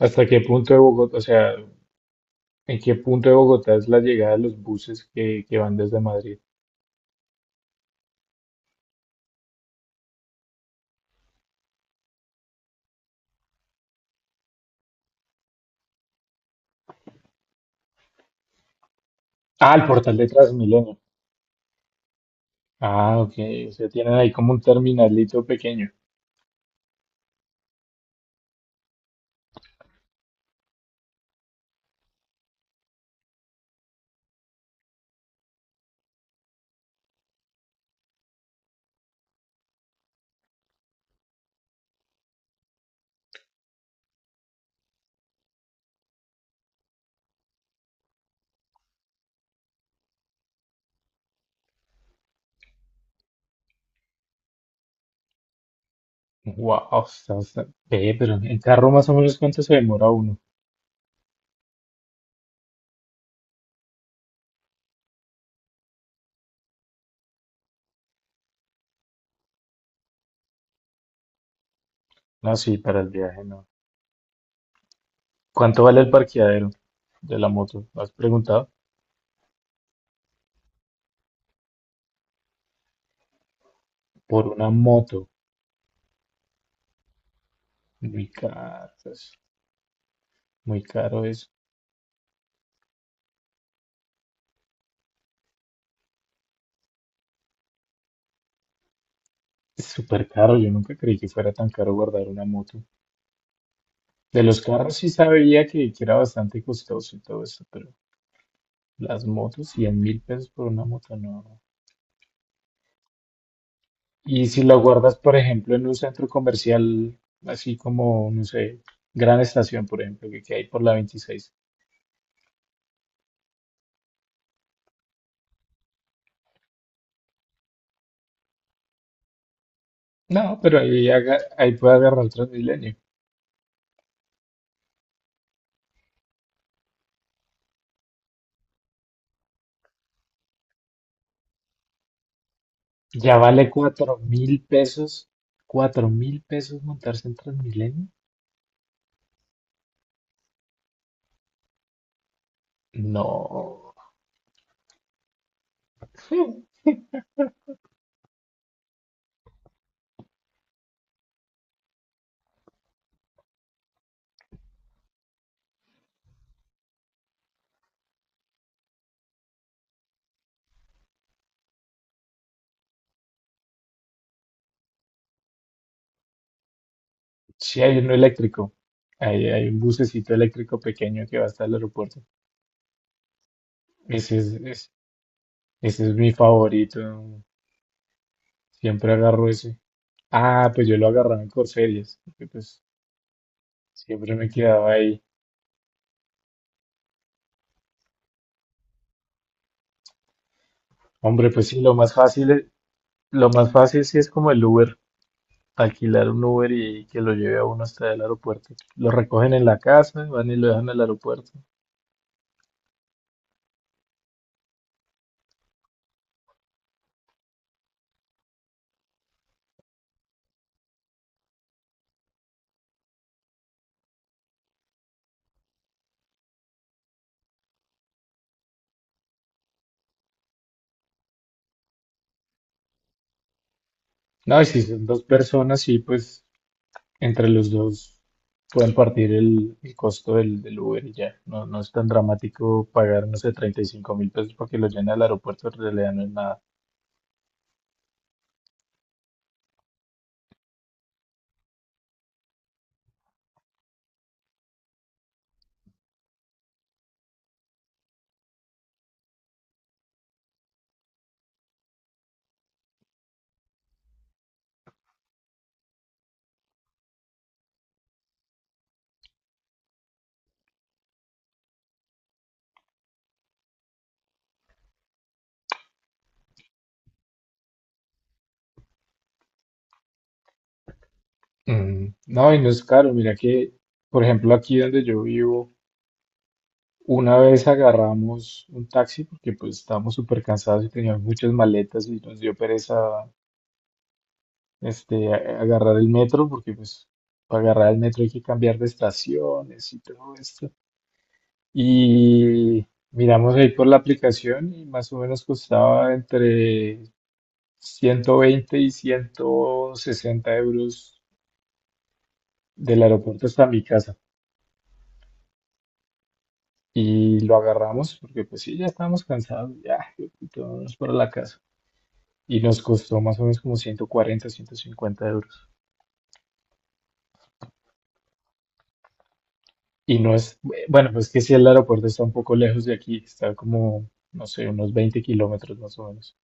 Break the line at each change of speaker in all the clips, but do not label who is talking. ¿Hasta qué punto de Bogotá? O sea, ¿en qué punto de Bogotá es la llegada de los buses que van desde Madrid? Ah, el portal de Transmilenio. Ah, ok, o sea, tienen ahí como un terminalito pequeño. Wow. Ve, pero en carro, ¿más o menos cuánto se demora uno? No, sí, para el viaje no. ¿Cuánto vale el parqueadero de la moto? ¿Has preguntado? Por una moto. Muy caro, pues, muy caro eso. Es súper caro, yo nunca creí que fuera tan caro guardar una moto. De los carros sí sabía que era bastante costoso y todo eso, pero las motos, 100.000 pesos por una moto, no. Y si lo guardas, por ejemplo, en un centro comercial, así como, no sé, Gran Estación, por ejemplo, que hay por la 26. No, pero ahí, ahí puede agarrar el Transmilenio. Ya vale 4.000 pesos. ¿Cuatro mil pesos montarse en Transmilenio? No. Sí, hay uno eléctrico. Hay un bucecito eléctrico pequeño que va hasta el aeropuerto. Ese es, Ese es mi favorito. Siempre agarro ese. Ah, pues yo lo agarraba en Corferias, porque pues siempre me quedaba ahí. Hombre, pues sí, lo más fácil sí es como el Uber, alquilar un Uber y que lo lleve a uno hasta el aeropuerto. Lo recogen en la casa, van y lo dejan al aeropuerto. No, y si son dos personas, sí, pues entre los dos pueden partir el costo del Uber y ya. No, no es tan dramático pagar, no sé, 35.000 pesos porque lo lleven al aeropuerto, en realidad no es nada. Mm, no, y no es caro. Mira que, por ejemplo, aquí donde yo vivo, una vez agarramos un taxi porque pues estábamos súper cansados y teníamos muchas maletas y nos dio pereza agarrar el metro, porque pues para agarrar el metro hay que cambiar de estaciones y todo esto. Y miramos ahí por la aplicación, y más o menos costaba entre 120 y 160 euros del aeropuerto hasta mi casa. Y lo agarramos porque pues sí, ya estábamos cansados, ya, y todos para la casa. Y nos costó más o menos como 140 150 euros. Y no es, bueno, pues que si el aeropuerto está un poco lejos de aquí, está como, no sé, unos 20 kilómetros más o menos.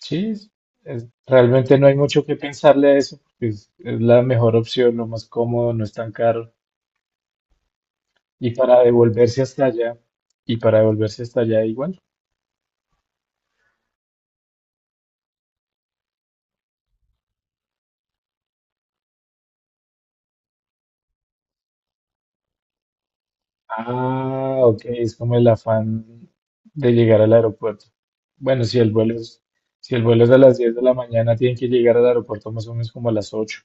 Sí, realmente no hay mucho que pensarle a eso, porque es la mejor opción, lo más cómodo, no es tan caro. Y para devolverse hasta allá, y para devolverse hasta allá igual. Ah, ok, es como el afán de llegar al aeropuerto. Bueno, si el vuelo es a las 10 de la mañana, tienen que llegar al aeropuerto más o menos como a las 8.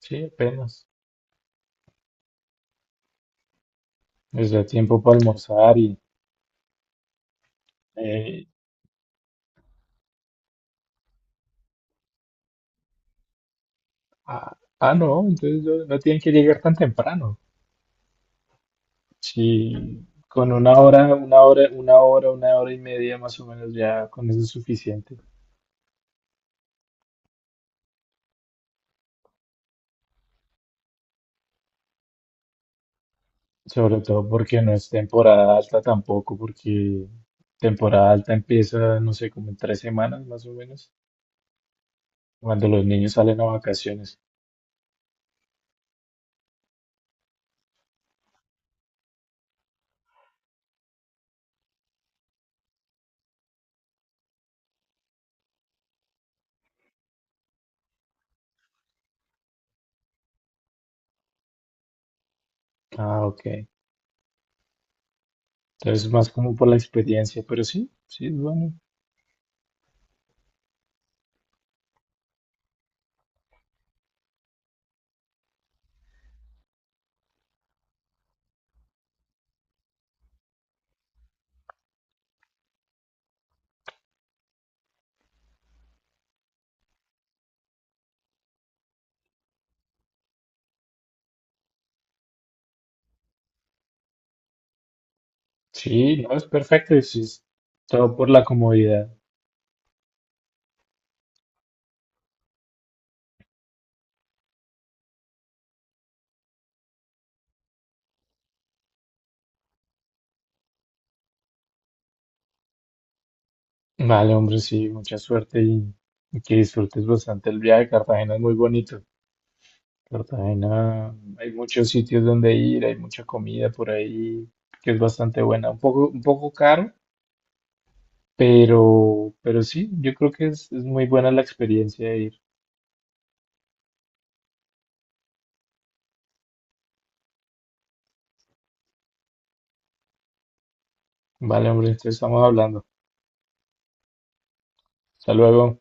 Sí, apenas. Les da tiempo para almorzar y... eh, ah, ah, no, entonces no, no tienen que llegar tan temprano. Sí, con una hora, una hora, una hora, una hora y media más o menos, ya con eso es suficiente. Sobre todo porque no es temporada alta tampoco, porque temporada alta empieza, no sé, como en 3 semanas más o menos, cuando los niños salen a vacaciones. Ah, ok. Entonces, más como por la experiencia, pero sí, sí, es bueno. Sí, no, es perfecto, y sí, es todo por la comodidad. Vale, hombre, sí, mucha suerte, y que disfrutes bastante el viaje. Cartagena es muy bonito. Cartagena, hay muchos sitios donde ir, hay mucha comida por ahí que es bastante buena. Un poco caro. Pero sí, yo creo que es muy buena la experiencia de ir. Vale, hombre, entonces estamos hablando. Hasta luego.